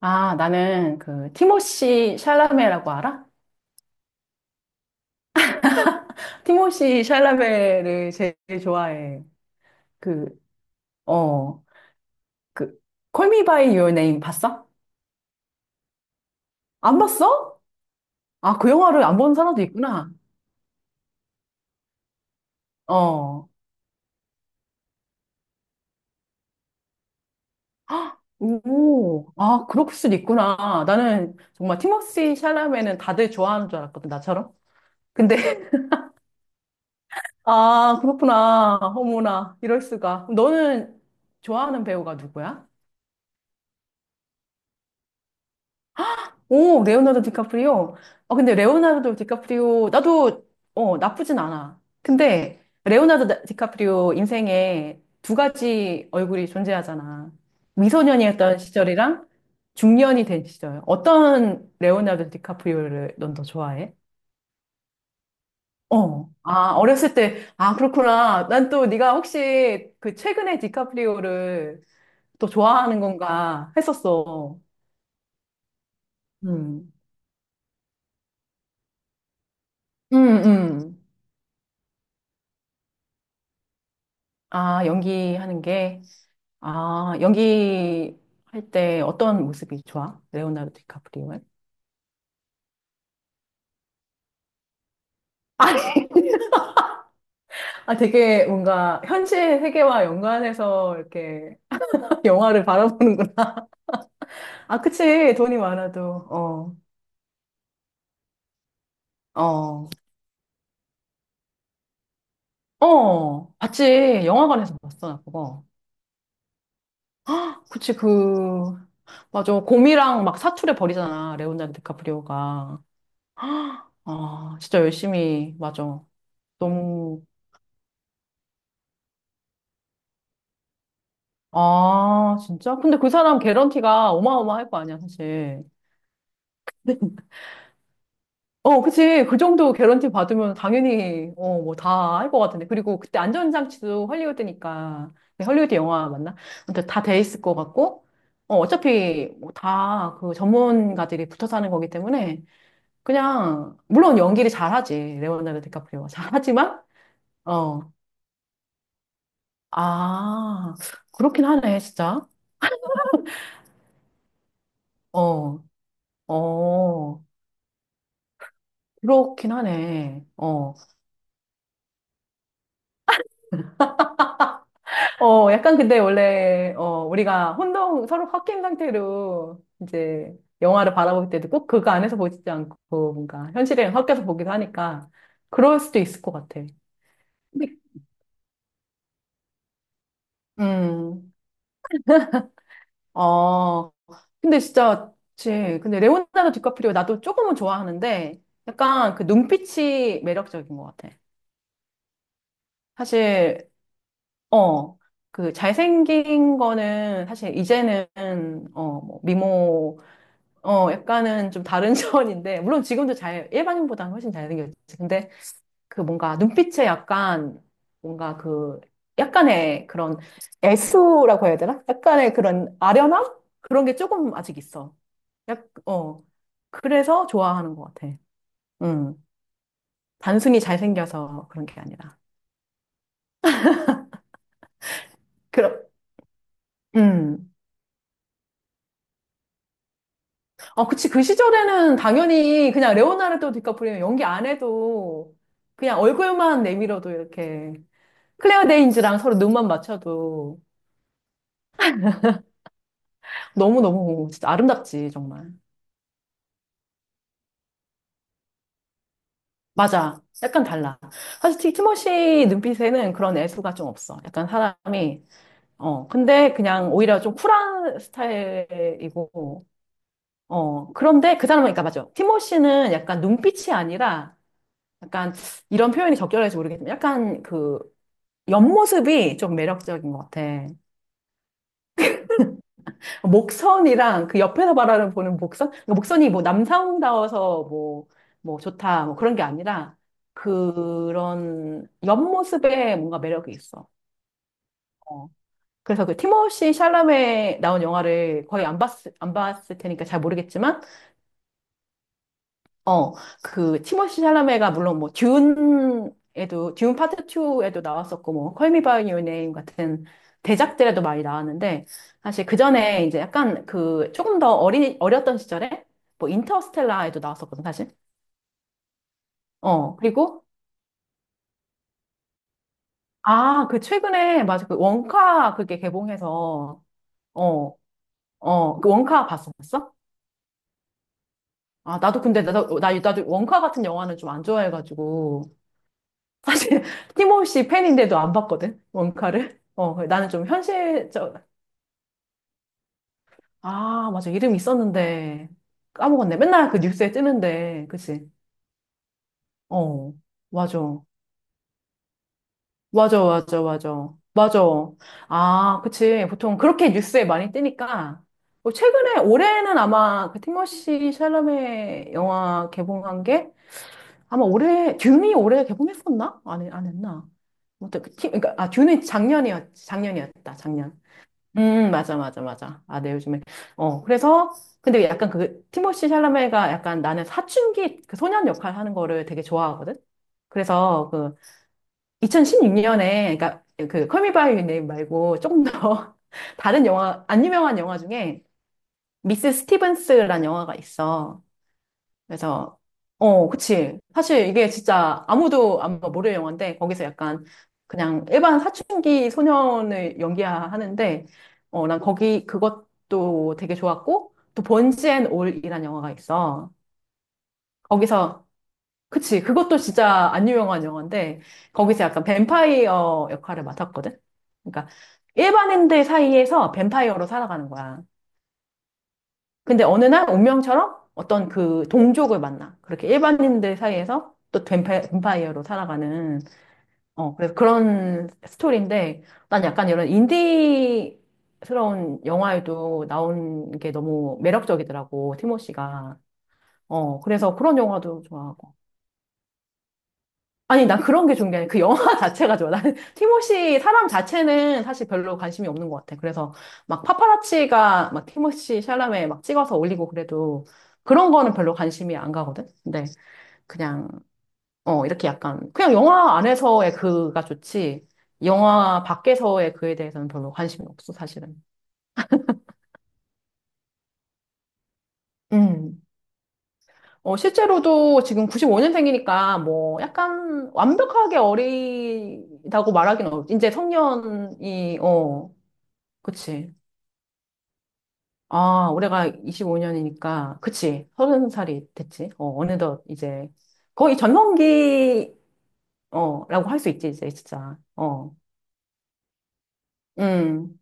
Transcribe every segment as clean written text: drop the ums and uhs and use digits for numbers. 아, 나는 그 티모시 샬라메라고 알아? 티모시 샬라메를 제일 좋아해. 그, 어, 그 Call Me by Your Name 봤어? 안 봤어? 아, 그 영화를 안 본 사람도 있구나. 어. 헉, 오, 아, 그럴 수도 있구나. 나는 정말 티모시 샬라메는 다들 좋아하는 줄 알았거든, 나처럼. 근데, 아, 그렇구나. 어머나, 이럴 수가. 너는 좋아하는 배우가 누구야? 오, 레오나르도 디카프리오. 아, 근데 레오나르도 디카프리오, 나도, 어, 나쁘진 않아. 근데, 레오나르도 디카프리오 인생에 두 가지 얼굴이 존재하잖아. 미소년이었던 시절이랑 중년이 된 시절. 어떤 레오나르도 디카프리오를 넌 더 좋아해? 어. 아, 어렸을 때, 아, 그렇구나. 난 또 네가 혹시 그 최근에 디카프리오를 또 좋아하는 건가 했었어. 음. 음, 음. 아, 연기하는 게. 아, 연기할 때 어떤 모습이 좋아? 레오나르도 디카프리오는? 아니, 아, 되게 뭔가 현실 세계와 연관해서 이렇게 영화를 바라보는구나. 아, 그치. 돈이 많아도. 어, 어, 어. 봤지. 영화관에서 봤어, 나 그거. 그치, 그, 맞아. 곰이랑 막 사투를 벌이잖아. 레오나르도 디카프리오가. 아, 진짜 열심히, 맞아. 너무 아, 진짜? 근데 그 사람 개런티가 어마어마할 거 아니야, 사실. 어, 그치. 그 정도 개런티 받으면 당연히, 어, 뭐 다 할 것 같은데. 그리고 그때 안전장치도 헐리우드니까. 네, 헐리우드 영화 맞나? 근데 다 돼 있을 것 같고. 어, 어차피 뭐 다그 전문가들이 붙어 사는 거기 때문에 그냥, 물론 연기를 잘하지. 레오나르도 디카프리오가. 잘하지만, 어, 아, 그렇긴 하네, 진짜. 어, 어. 그렇긴 하네. 어. 어, 약간 근데 원래, 어, 우리가 혼동, 서로 섞인 상태로 이제 영화를 바라볼 때도 꼭 그거 안에서 보지 않고 뭔가 현실이랑 섞여서 보기도 하니까 그럴 수도 있을 것 같아. 근데 음, 어, 근데 진짜, 그치. 근데 레오나르도 디카프리오 나도 조금은 좋아하는데 약간 그 눈빛이 매력적인 것 같아. 사실, 어, 그 잘생긴 거는 사실 이제는, 어, 뭐 미모, 어, 약간은 좀 다른 차원인데, 물론 지금도 잘, 일반인보다는 훨씬 잘생겼지. 근데 그 뭔가 눈빛에 약간, 뭔가 그, 약간의 그런 애수라고 해야 되나? 약간의 그런 아련함? 그런 게 조금 아직 있어. 약, 어. 그래서 좋아하는 것 같아. 음. 단순히 잘생겨서 그런 게 아니라. 그럼, 음. 어, 그치. 그 시절에는 당연히 그냥 레오나르도 디카프리오 연기 안 해도 그냥 얼굴만 내밀어도 이렇게. 클레어 데인즈랑 서로 눈만 맞춰도 너무너무 진짜 아름답지, 정말. 맞아. 약간 달라. 사실 티모시 눈빛에는 그런 애수가 좀 없어. 약간 사람이, 어, 근데 그냥 오히려 좀 쿨한 스타일이고, 어, 그런데 그 사람은, 그러니까 맞아. 티모시는 약간 눈빛이 아니라 약간 이런 표현이 적절할지 모르겠지만 약간 그 옆모습이 좀 매력적인 것 같아. 목선이랑 그 옆에서 바라보는 목선? 그러니까 목선이 뭐 남성다워서 뭐, 뭐 좋다, 뭐 그런 게 아니라 그런 옆모습에 뭔가 매력이 있어. 어. 그래서 그 티모시 샬라메 나온 영화를 거의 안 봤을 테니까 잘 모르겠지만 어, 그 티모시 샬라메가 물론 뭐 듄에도 듄 파트 2에도 나왔었고 뭐 콜미 바이 유 네임 같은 대작들에도 많이 나왔는데 사실 그 전에 이제 약간 그 조금 더 어린 어렸던 시절에 뭐 인터스텔라에도 나왔었거든 사실. 어, 그리고 아, 그 최근에 맞아 그 원카 그게 개봉해서 어, 어, 그 원카 봤었어? 아, 나도 근데 나도 어, 나 나도 원카 같은 영화는 좀 안 좋아해가지고 사실 팀없이 팬인데도 안 봤거든 원카를 어 나는 좀 현실적 아 맞아 이름 있었는데 까먹었네 맨날 그 뉴스에 뜨는데 그치 어 맞아 맞아 맞아 맞아 맞아 아 그치 보통 그렇게 뉴스에 많이 뜨니까 뭐 최근에 올해는 아마 그 티모시 샬라메 영화 개봉한 게 아마 올해 듄이 올해 개봉했었나 안 했나 아무튼 그 팀, 그러니까 아 듄이 작년이었다 작년 맞아, 맞아, 맞아. 아, 네, 요즘에. 어, 그래서, 근데 약간 그, 티모시 샬라메가 약간 나는 사춘기 그 소년 역할 하는 거를 되게 좋아하거든? 그래서 그, 2016년에, 그니까 그, 컬미 바이 유 네임 말고 조금 더 다른 영화, 안 유명한 영화 중에 미스 스티븐스란 영화가 있어. 그래서, 어, 그치. 사실 이게 진짜 아무도 아마 모를 영화인데, 거기서 약간 그냥 일반 사춘기 소년을 연기하는데, 어, 난 거기 그것도 되게 좋았고, 또 번지 앤 올이란 영화가 있어. 거기서, 그치. 그것도 진짜 안 유명한 영화인데, 거기서 약간 뱀파이어 역할을 맡았거든? 그러니까 일반인들 사이에서 뱀파이어로 살아가는 거야. 근데 어느 날 운명처럼 어떤 그 동족을 만나. 그렇게 일반인들 사이에서 또 뱀파이어로 살아가는, 어, 그래서 그런 스토리인데, 난 약간 이런 인디스러운 영화에도 나온 게 너무 매력적이더라고, 티모시가. 어, 그래서 그런 영화도 좋아하고. 아니, 난 그런 게 좋은 게 아니라 그 영화 자체가 좋아. 나는 티모시 사람 자체는 사실 별로 관심이 없는 것 같아. 그래서 막 파파라치가 막 티모시 샬라메 막 찍어서 올리고 그래도 그런 거는 별로 관심이 안 가거든. 근데 그냥 어 이렇게 약간 그냥 영화 안에서의 그가 좋지. 영화 밖에서의 그에 대해서는 별로 관심이 없어, 사실은. 음. 어, 실제로도 지금 95년생이니까 뭐 약간 완벽하게 어리다고 말하기는 어렵 이제 성년이, 어, 그치. 아, 올해가 25년이니까, 그치. 서른 살이 됐지. 어, 어느덧 이제, 거의 전성기, 어, 라고 할 수 있지, 이제, 진짜. 어, 음.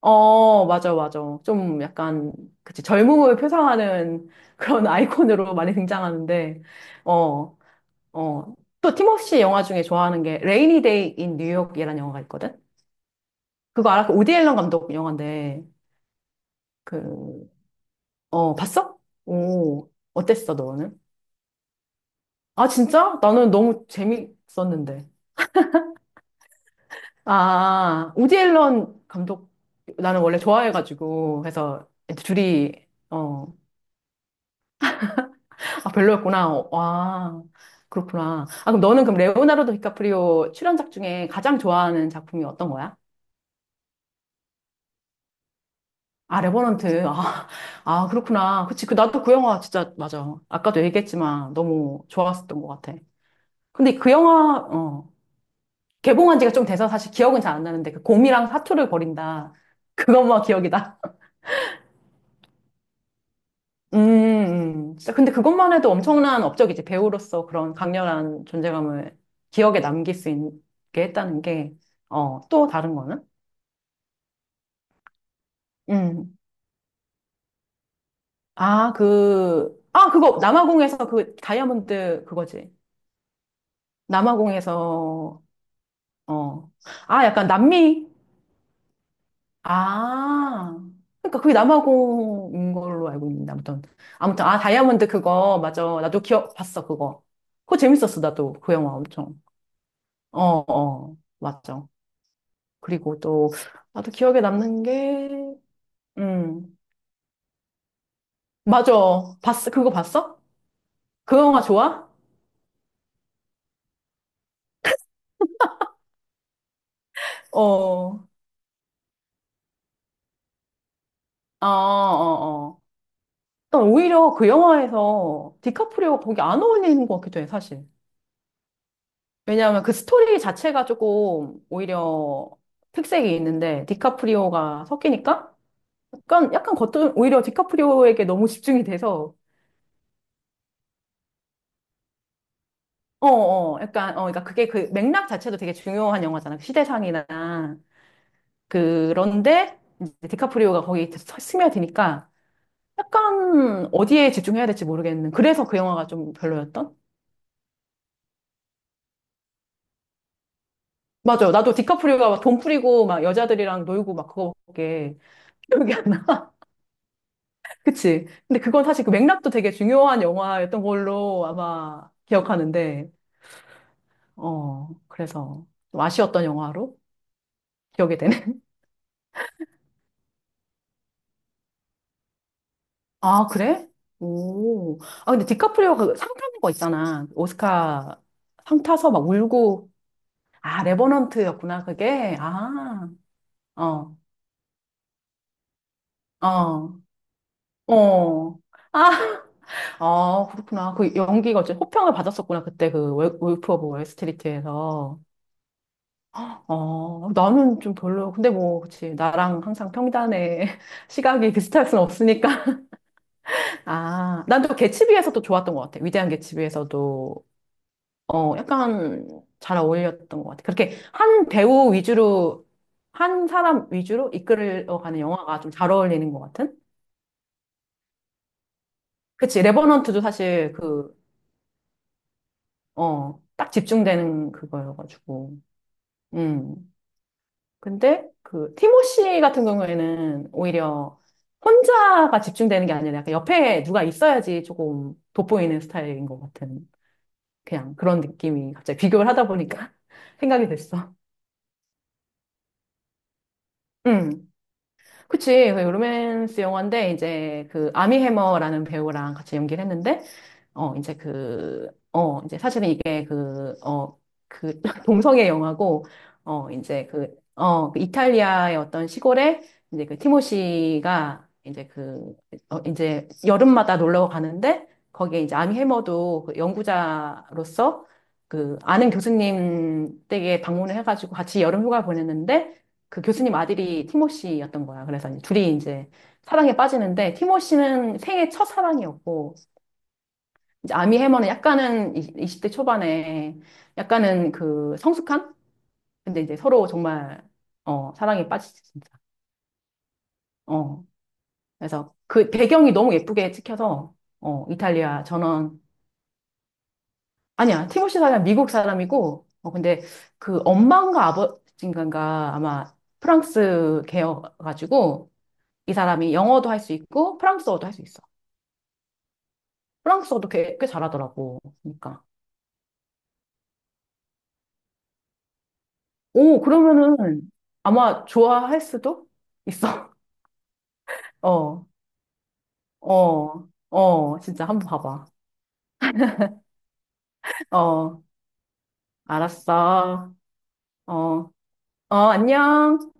어, 맞아, 맞아. 좀 약간, 그치. 젊음을 표상하는 그런 아이콘으로 많이 등장하는데, 어, 어. 또, 팀워시 영화 중에 좋아하는 게, 레이니 데이 인 뉴욕이라는 영화가 있거든? 그거 알아? 그디 앨런 감독 영화인데, 그, 어, 봤어? 오, 어땠어, 너는? 아, 진짜? 나는 너무 재밌었는데. 아, 우디 앨런 감독, 나는 원래 좋아해가지고, 해서 둘이, 어, 아, 별로였구나. 와, 그렇구나. 아, 그럼 너는 그럼 레오나르도 디카프리오 출연작 중에 가장 좋아하는 작품이 어떤 거야? 아, 레버넌트. 아, 아, 그렇구나. 그치. 그, 나도 그 영화 진짜, 맞아. 아까도 얘기했지만 너무 좋았었던 것 같아. 근데 그 영화, 어, 개봉한 지가 좀 돼서 사실 기억은 잘 안 나는데 그 곰이랑 사투를 벌인다. 그것만 기억이다. 음, 진짜 근데 그것만 해도 엄청난 업적이지. 배우로서 그런 강렬한 존재감을 기억에 남길 수 있게 했다는 게, 어, 또 다른 거는? 음. 아, 그, 아, 그거, 남아공에서 그 다이아몬드 그거지. 남아공에서, 어. 아, 약간 남미? 아, 그러니까 그게 남아공인 걸로 알고 있는데 아무튼 아무튼 아 다이아몬드 그거 맞아 나도 기억 봤어 그거 그거 재밌었어 나도 그 영화 엄청 어어 맞아 그리고 또 나도 기억에 남는 게음 맞아 봤어 그거 봤어 그 영화 좋아 어어어어 어, 아, 어, 어. 난 오히려 그 영화에서 디카프리오가 거기 안 어울리는 것 같기도 해 사실 왜냐하면 그 스토리 자체가 조금 오히려 특색이 있는데 디카프리오가 섞이니까 약간 겉은 오히려 디카프리오에게 너무 집중이 돼서 어어 약간 어 그러니까 그게 그 맥락 자체도 되게 중요한 영화잖아 그 시대상이나 그런데 이제 디카프리오가 거기 스며드니까 약간 어디에 집중해야 될지 모르겠는 그래서 그 영화가 좀 별로였던 맞아요 나도 디카프리오가 막 돈 뿌리고 막 여자들이랑 놀고 막 그거밖에 기억이 안나 그치. 근데 그건 사실 그 맥락도 되게 중요한 영화였던 걸로 아마 기억하는데, 어, 그래서 좀 아쉬웠던 영화로 기억이 되네. 아, 그래? 오. 아, 근데 디카프리오가 그상 타는 거 있잖아. 오스카 상 타서 막 울고. 아, 레버넌트였구나, 그게. 아, 어, 어, 어. 아, 아, 그렇구나. 그 연기가 어째 호평을 받았었구나, 그때 그 울프 오브 월스트리트에서. 어, 나는 좀 별로. 근데 뭐, 그치. 나랑 항상 평단의 시각이 비슷할 순 없으니까. 아, 난 또 개츠비에서 또 좋았던 것 같아. 위대한 개츠비에서도, 어, 약간 잘 어울렸던 것 같아. 그렇게 한 배우 위주로, 한 사람 위주로 이끌어가는 영화가 좀 잘 어울리는 것 같은? 그치. 레버넌트도 사실 그, 어, 딱 집중되는 그거여가지고. 음. 근데 그 티모시 같은 경우에는 오히려 혼자가 집중되는 게 아니라 약간 옆에 누가 있어야지 조금 돋보이는 스타일인 것 같은 그냥 그런 느낌이 갑자기 비교를 하다 보니까 생각이 됐어. 응. 그치. 그 로맨스 영화인데, 이제 그 아미 해머라는 배우랑 같이 연기를 했는데, 어, 이제 그, 어, 이제 사실은 이게 그, 어, 그 동성애 영화고, 어, 이제 그, 어, 그 이탈리아의 어떤 시골에 이제 그 티모시가 이제 그, 어, 이제 여름마다 놀러 가는데, 거기에 이제 아미 해머도 그 연구자로서 그 아는 교수님 댁에 방문을 해가지고 같이 여름 휴가 보냈는데, 그 교수님 아들이 티모시였던 거야. 그래서 이제 둘이 이제 사랑에 빠지는데 티모시는 생애 첫 사랑이었고 이제 아미 해머는 약간은 20대 초반에 약간은 그 성숙한? 근데 이제 서로 정말 어, 사랑에 빠지지 진짜. 어. 그래서 그 배경이 너무 예쁘게 찍혀서 어, 이탈리아 전원 아니야. 티모시 사람 미국 사람이고 어 근데 그 엄마인가 아버지인가 아마 프랑스 계여가지고 이 사람이 영어도 할 수 있고 프랑스어도 할 수 있어. 프랑스어도 꽤 잘하더라고. 그러니까. 오, 그러면은 아마 좋아할 수도 있어. 어, 어, 어, 진짜 한번 봐봐. 어, 알았어. 어, 어, 안녕.